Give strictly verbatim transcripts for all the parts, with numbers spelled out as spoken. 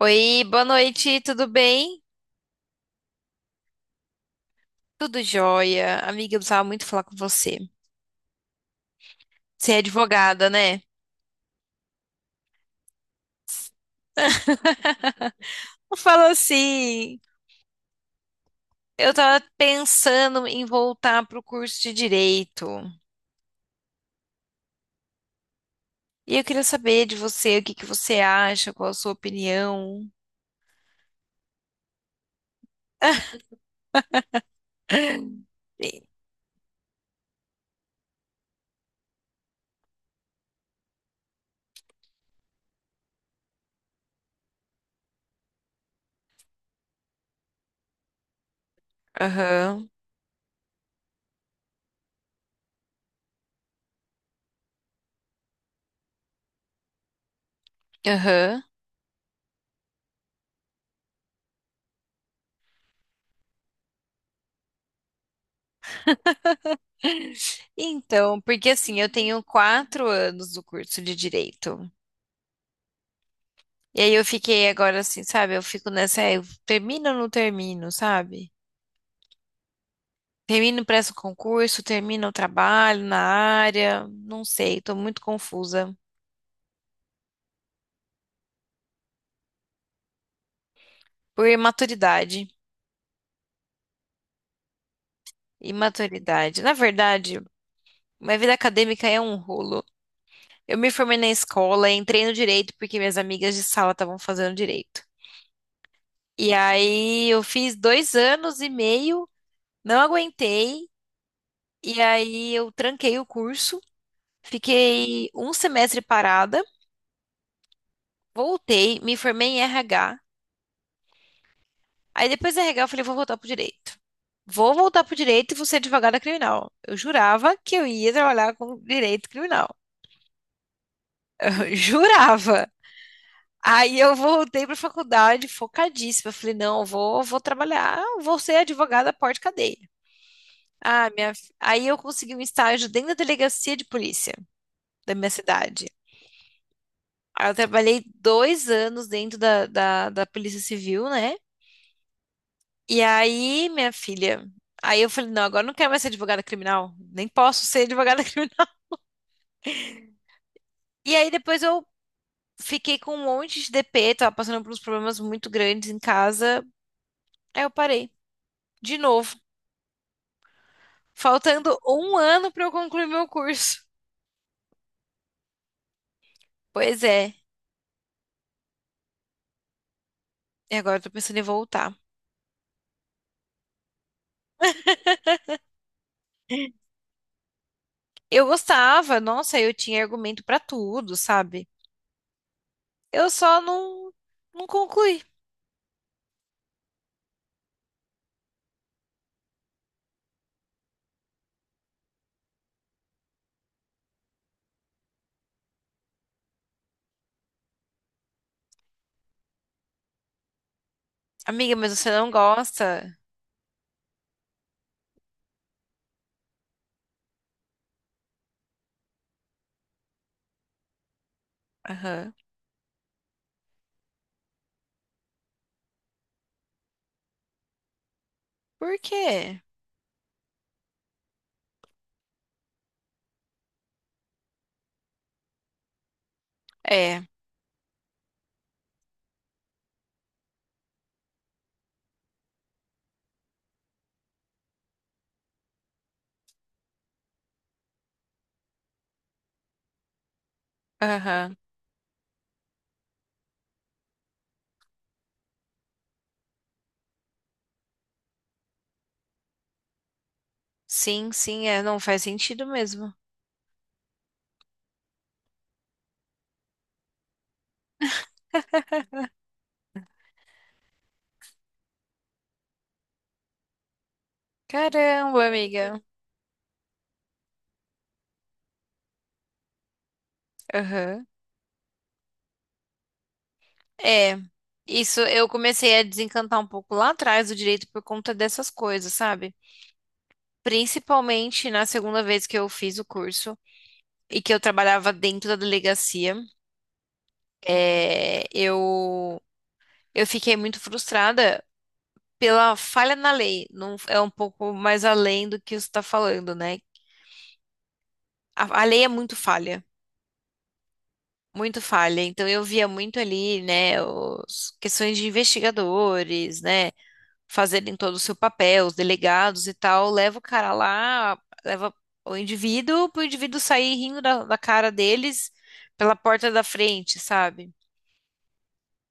Oi, boa noite, tudo bem? Tudo jóia. Amiga, eu precisava muito falar com você. Você é advogada, né? Falou assim. Eu tava pensando em voltar pro curso de direito. E eu queria saber de você, o que que você acha, qual a sua opinião. E- Aham, aham. Então, porque assim, eu tenho quatro anos do curso de direito. E aí eu fiquei agora assim, sabe? Eu fico nessa, "É, eu termino ou não termino, sabe? Termino, presto o presto concurso, termino o trabalho na área, não sei, tô muito confusa. Por imaturidade. Imaturidade. Na verdade, minha vida acadêmica é um rolo. Eu me formei na escola, entrei no direito porque minhas amigas de sala estavam fazendo direito. E aí eu fiz dois anos e meio, não aguentei, e aí eu tranquei o curso, fiquei um semestre parada, voltei, me formei em R H. Aí depois da R H eu falei, vou voltar pro direito. Vou voltar pro direito e vou ser advogada criminal. Eu jurava que eu ia trabalhar com direito criminal. Eu jurava. Aí eu voltei pra faculdade focadíssima. Eu falei, não, eu vou, vou trabalhar, vou ser advogada porte cadeia. Ah, minha... fi- aí eu consegui um estágio dentro da delegacia de polícia da minha cidade. Aí eu trabalhei dois anos dentro da, da, da Polícia Civil, né? E aí, minha filha, aí eu falei, não, agora eu não quero mais ser advogada criminal, nem posso ser advogada criminal. E aí depois eu fiquei com um monte de D P, tava passando por uns problemas muito grandes em casa, aí eu parei, de novo, faltando um ano pra eu concluir meu curso. Pois é, e agora eu tô pensando em voltar. Eu gostava, nossa, eu tinha argumento pra tudo, sabe? Eu só não, não concluí. Amiga, mas você não gosta? Aham. Por quê? É. Aham. Sim, sim, é, não faz sentido mesmo. Caramba, amiga. Aham. É. Isso eu comecei a desencantar um pouco lá atrás do direito por conta dessas coisas, sabe? Principalmente na segunda vez que eu fiz o curso e que eu trabalhava dentro da delegacia, é, eu, eu fiquei muito frustrada pela falha na lei. Não, é um pouco mais além do que você está falando, né? A, a lei é muito falha. Muito falha. Então eu via muito ali, né, os questões de investigadores, né, fazerem todo o seu papel, os delegados e tal, leva o cara lá, leva o indivíduo para o indivíduo sair rindo da, da cara deles pela porta da frente, sabe?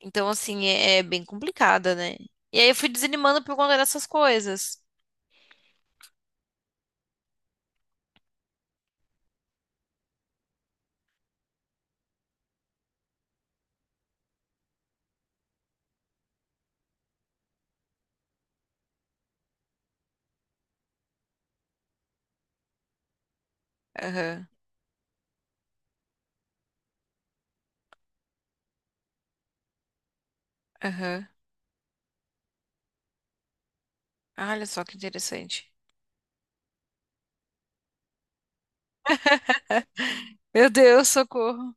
Então assim é, é bem complicada, né? E aí eu fui desanimando por conta dessas coisas. Aham, aham. Ah, olha só que interessante. Meu Deus, socorro.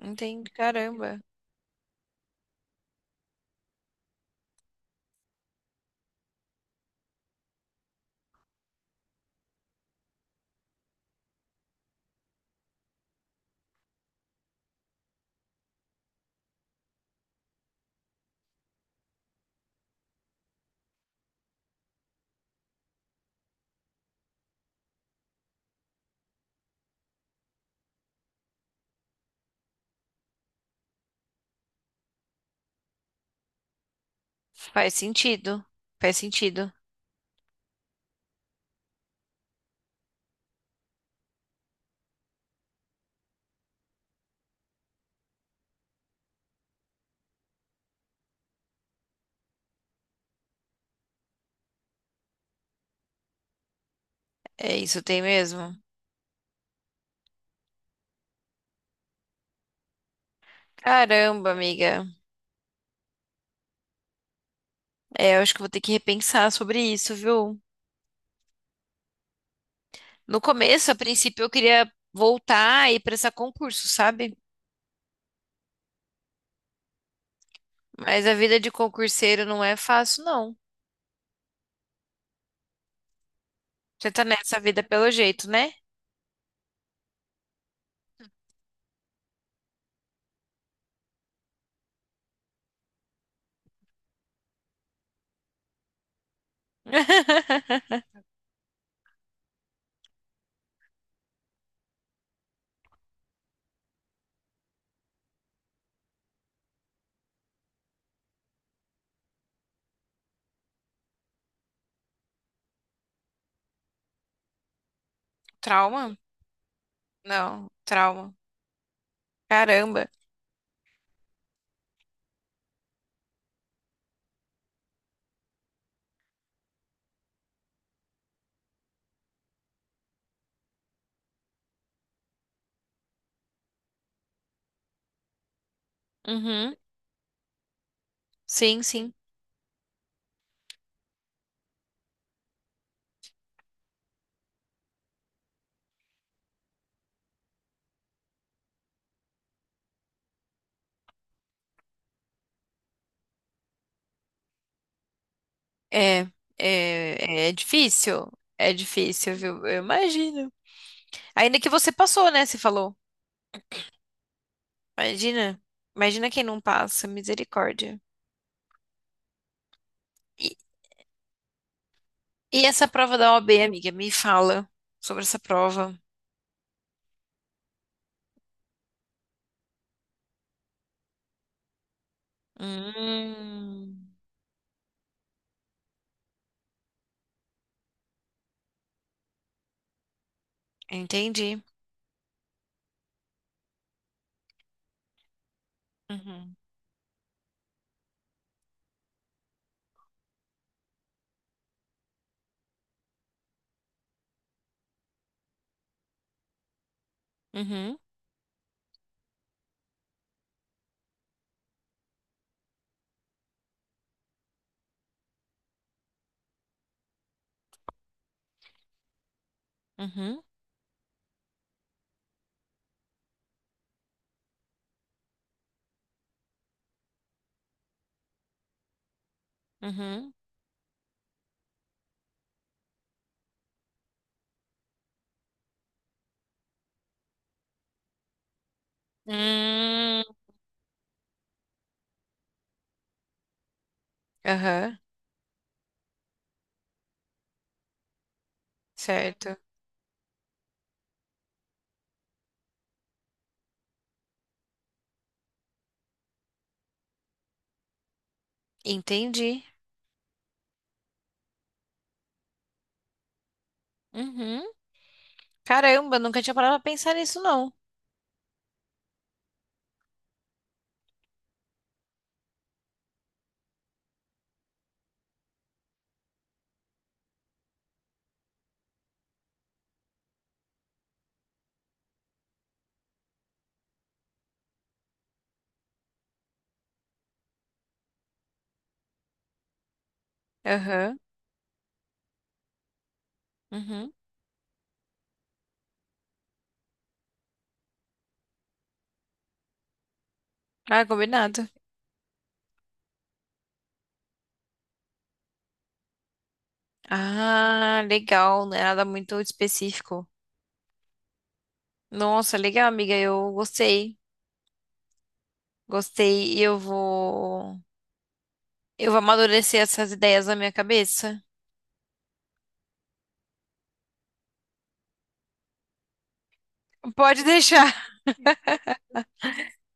Entendi, caramba. Faz sentido. Faz sentido. É isso, tem mesmo? Caramba, amiga. É, eu acho que eu vou ter que repensar sobre isso, viu? No começo, a princípio, eu queria voltar e prestar concurso, sabe? Mas a vida de concurseiro não é fácil, não. Você tá nessa vida pelo jeito, né? Trauma? Não, trauma. Caramba. Uhum. Sim, sim. É, é, é difícil. É difícil, viu? Eu imagino. Ainda que você passou, né? Você falou. Imagina, imagina quem não passa, misericórdia. E, e essa prova da O A B, amiga, me fala sobre essa prova. Hum, entendi. Uhum, uhum, uhum, uhum. Hum, aham, certo. Entendi. Uhum. Caramba, nunca tinha parado pra pensar nisso, não. Aham, uhum. Ah, combinado. Ah, legal, não é nada muito específico. Nossa, legal, amiga, eu gostei. Gostei e eu vou. Eu vou amadurecer essas ideias na minha cabeça. Pode deixar,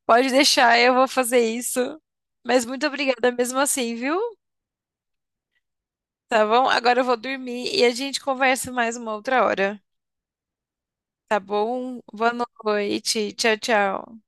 pode deixar, eu vou fazer isso. Mas muito obrigada mesmo assim, viu? Tá bom? Agora eu vou dormir e a gente conversa mais uma outra hora. Tá bom? Boa noite. Tchau, tchau.